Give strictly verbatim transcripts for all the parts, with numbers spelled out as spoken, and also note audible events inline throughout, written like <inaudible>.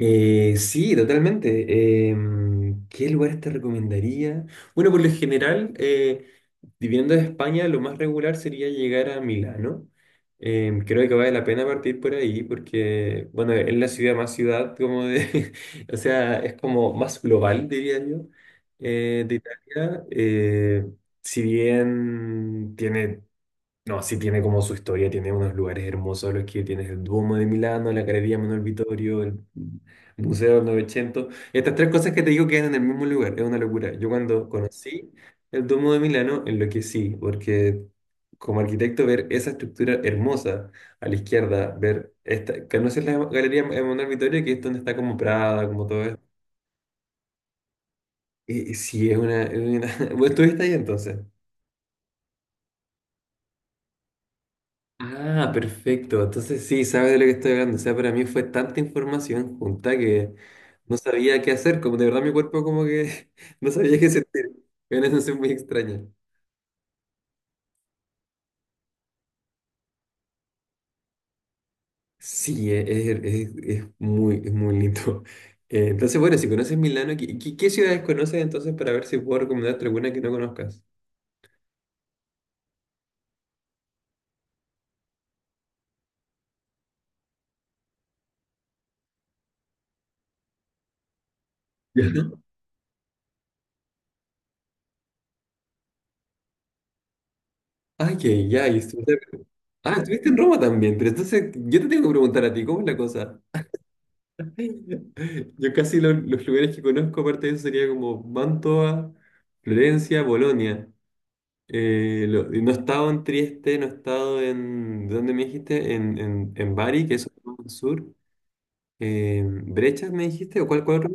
Eh, sí, totalmente. Em, ¿qué lugares te recomendaría? Bueno, por lo general, eh, viviendo de España, lo más regular sería llegar a Milano. Em, creo que vale la pena partir por ahí porque, bueno, es la ciudad más ciudad, como de, <laughs> o sea, es como más global, diría yo, eh, de Italia. Eh, si bien tiene no, sí tiene como su historia, tiene unos lugares hermosos los que tienes el Duomo de Milano, la Galería Manuel Vittorio, el Museo del Novecento. Estas tres cosas que te digo quedan en el mismo lugar, es una locura. Yo cuando conocí el Duomo de Milano, enloquecí, porque como arquitecto ver esa estructura hermosa a la izquierda, ver esta, ¿conoces la Galería Manuel Vittorio? Que es donde está como Prada, como todo esto. Y, y sí, es una... es una- <laughs> ¿Vos estuviste ahí entonces? Ah, perfecto. Entonces sí, sabes de lo que estoy hablando. O sea, para mí fue tanta información junta que no sabía qué hacer. Como de verdad mi cuerpo como que <laughs> no sabía qué sentir. Era una sensación muy extraña. Sí, e- es, es- es muy, es muy lindo. Eh, entonces, bueno, si conoces Milano, ¿qué, qué- qué ciudades conoces entonces para ver si puedo recomendarte alguna que no conozcas? Ya. Ah, que ya, y estuviste- Ah, estuviste en Roma también, pero entonces yo te tengo que preguntar a ti, ¿cómo es la cosa? Yo casi lo- los lugares que conozco, aparte de eso, sería como Mantua, Florencia, Bolonia. Eh, lo- y no he estado en Trieste, no he estado en, ¿de ¿dónde me dijiste? En, en, en Bari, que eso es más al sur. Eh, ¿Brechas me dijiste? ¿O cuál, cuál otro?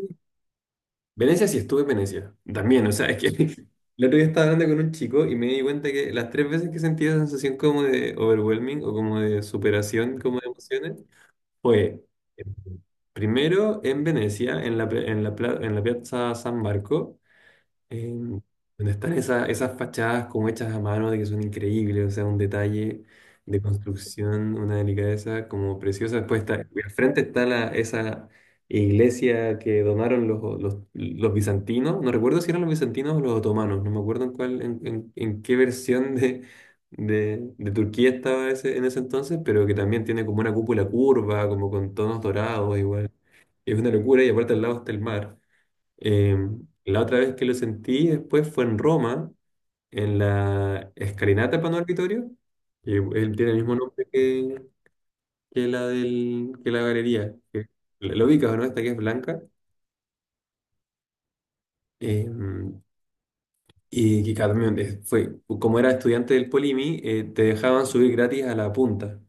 Venecia sí estuve en Venecia. También, o sea, es que <laughs> el otro día estaba hablando con un chico y me di cuenta que las tres veces que sentí esa sensación como de overwhelming o como de superación, como de emociones, fue eh, primero en Venecia, en la, pe- en la, pla- en la Piazza San Marco, em, donde están esas, esas fachadas como hechas a mano, de que son increíbles, o sea, un detalle de construcción, una delicadeza como preciosa. Después está, al frente está la, esa iglesia que donaron los, los, los bizantinos, no recuerdo si eran los bizantinos o los otomanos, no me acuerdo en cuál, en, en- en qué versión de, de, de Turquía estaba ese, en ese entonces, pero que también tiene como una cúpula curva, como con tonos dorados igual. Es una locura y aparte al lado está el mar. Em, la otra vez que lo sentí después fue en Roma, en la escalinata Pano Arbitorio, que él tiene el mismo nombre que, que la del, que la galería. Que- lo ubicas, ¿no? Esta que es blanca. Em, y que cada- también eh, fue, como era estudiante del Polimi, eh, te dejaban subir gratis a la punta.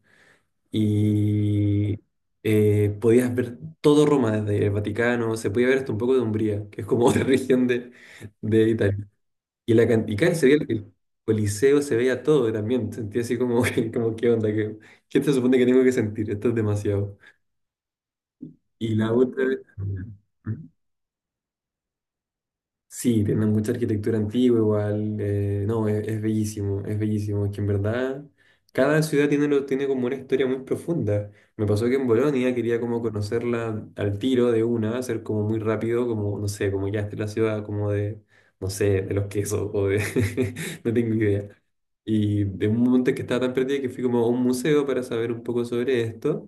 Y eh, podías ver todo Roma desde el Vaticano, se podía ver hasta un poco de Umbría, que es como otra <laughs> región de, de Italia. Y la can- y canticán se veía el, el Coliseo, se veía todo y también. Sentí así como, que- <laughs> como ¿qué onda? ¿Qué, qué se supone que tengo que sentir? Esto es demasiado. Y la otra vez. Sí, tienen mucha arquitectura antigua igual. Eh, no, es, es bellísimo, es bellísimo. Es que en verdad cada ciudad tiene, lo, tiene como una historia muy profunda. Me pasó que en Bolonia quería como conocerla al tiro de una, hacer como muy rápido, como, no sé, como ya esta es la ciudad como de, no sé, de los quesos o de, <laughs> no tengo idea. Y de un momento que estaba tan perdida que fui como a un museo para saber un poco sobre esto.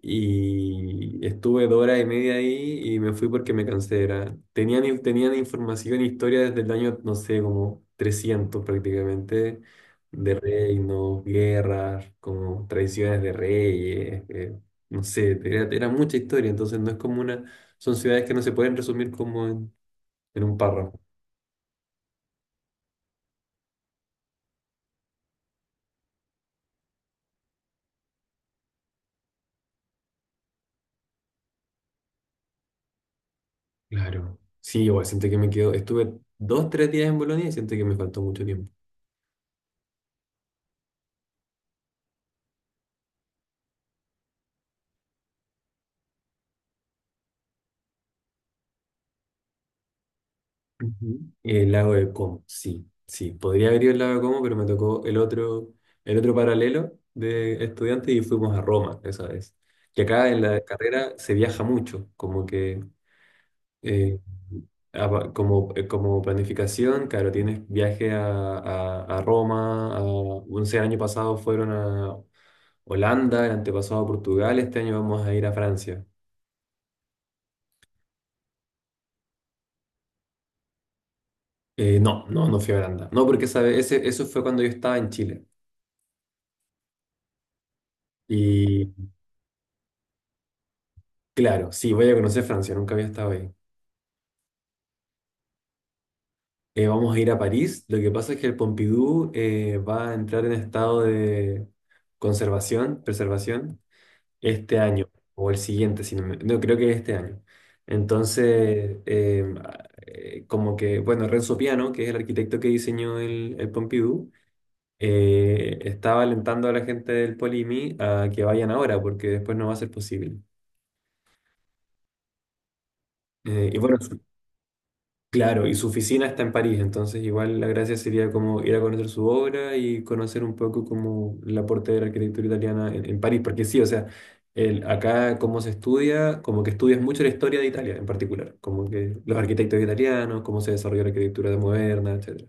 Y estuve dos horas y media ahí y me fui porque me cansé. Era, tenían, tenían información, e historia desde el año, no sé, como trescientos prácticamente, de reinos, guerras, como tradiciones de reyes, eh, no sé, era, era mucha historia. Entonces no es como una, son ciudades que no se pueden resumir como en, en un párrafo. Claro. Sí, igual siento que me quedo, estuve dos, tres días en Bolonia y siento que me faltó mucho tiempo. Ujú. El lago de Como, sí, sí. Podría haber ido el lago de Como, pero me tocó el otro, el otro paralelo de estudiantes y fuimos a Roma esa vez. Que acá en la carrera se viaja mucho, como que eh, apa- como, eh, como planificación, claro, tienes viaje a, a, a Roma, a, no sé, el año pasado fueron a Holanda, el antepasado a Portugal, este año vamos a ir a Francia. Eh, no, no, no fui a Holanda. No, porque esa vez- ese, eso fue cuando yo estaba en Chile. Claro, sí, voy a conocer Francia, nunca había estado ahí. Eh, vamos a ir a París. Lo que pasa es que el Pompidou eh, va a entrar en estado de conservación, preservación, este año o el siguiente, si no, me- no, creo que este año. Entonces, eh, a- eh, como que, bueno, Renzo Piano, que es el arquitecto que diseñó el, el Pompidou, eh, estaba alentando a la gente del Polimi a que vayan ahora, porque después no va a ser posible. Eh, y bueno, claro, y su oficina está en París, entonces igual la gracia sería como ir a conocer su obra y conocer un poco como el aporte de la arquitectura italiana en, en París, porque sí, o sea, el, acá como se estudia, como que estudias mucho la historia de Italia en particular, como que los arquitectos italianos, cómo se desarrolló la arquitectura moderna, etcétera,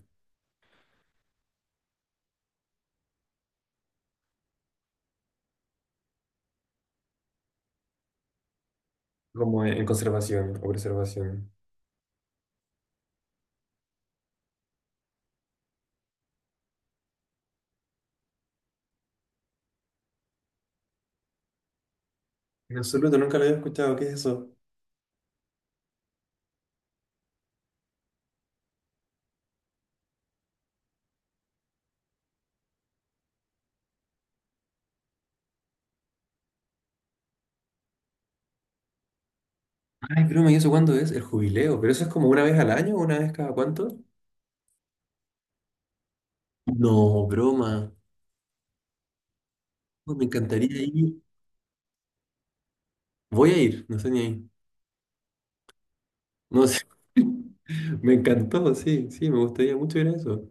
como en, en conservación o preservación. En absoluto, nunca lo había escuchado, ¿qué es eso? Ay, broma, ¿y eso cuándo es? El jubileo, pero eso es como una vez al año, ¿una vez cada cuánto? No, broma. Oh, me encantaría ir. Voy a ir, no sé ni ahí. No sé. <laughs> Me encantó, sí, sí, me gustaría mucho ir a eso.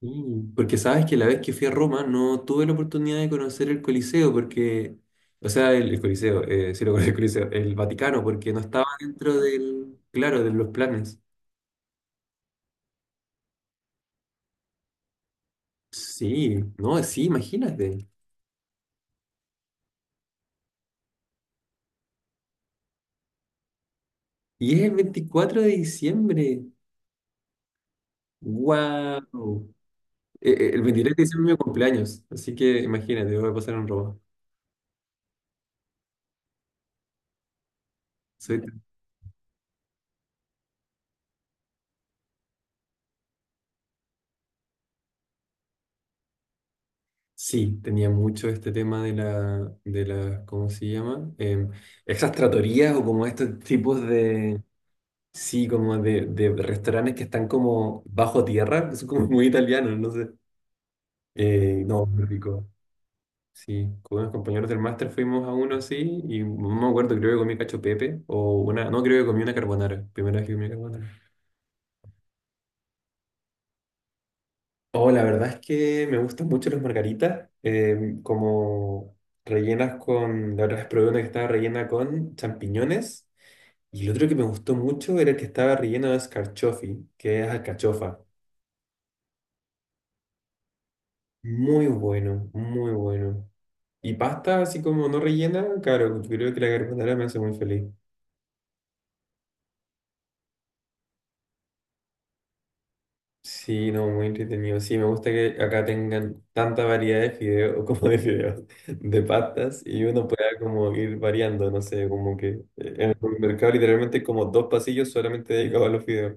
Mm, porque sabes que la vez que fui a Roma no tuve la oportunidad de conocer el Coliseo, porque, o sea, el, el Coliseo, eh, sí lo conozco, el Coliseo, el Vaticano, porque no estaba dentro del, claro, de los planes. Sí, no, sí, imagínate. Y es el veinticuatro de diciembre. ¡Wow! El veintitrés de diciembre es mi cumpleaños, así que imagínate, voy a pasar en Roma. Soy. Sí, tenía mucho este tema de la, de la, ¿cómo se llama? Em, esas tratorías o como estos tipos de, sí, como de, de restaurantes que están como bajo tierra, que son como <laughs> muy italianos, no sé. Eh, no, muy rico. Sí, con unos compañeros del máster fuimos a uno así y no me acuerdo, creo que comí cacho pepe o una, no, creo que comí una carbonara, primera vez que comí carbonara. Oh, la verdad es que me gustan mucho las margaritas, eh, como rellenas con, la otra vez probé una que estaba rellena con champiñones y el otro que me gustó mucho era el que estaba relleno de escarchofi, que es alcachofa. Muy bueno, muy bueno. Y pasta así como no rellena, claro, creo que la carbonara me hace muy feliz. Sí, no, muy entretenido. Sí, me gusta que acá tengan tanta variedad de fideos <laughs> como de fideos, de pastas y uno pueda como ir variando, no sé, como que eh, en el mercado literalmente hay como dos pasillos solamente dedicados a los fideos.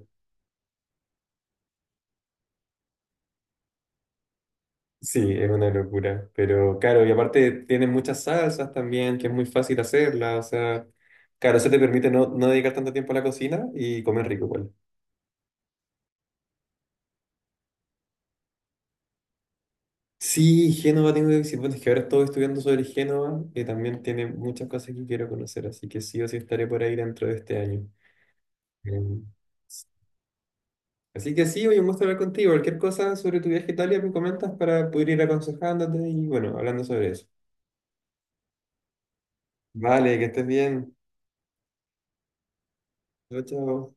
Sí, es una locura, pero claro, y aparte tienen muchas salsas también, que es muy fácil hacerlas, o sea, claro, eso te permite no, no dedicar tanto tiempo a la cocina y comer rico, igual. Sí, Génova tengo que decir, bueno, es que ahora estoy estudiando sobre Génova, que también tiene muchas cosas que quiero conocer, así que sí o sí estaré por ahí dentro de este año. Em, Así que sí, hoy un gusto hablar contigo. Cualquier cosa sobre tu viaje a Italia me comentas para poder ir aconsejándote y bueno, hablando sobre eso. Vale, que estés bien. Chao, chao.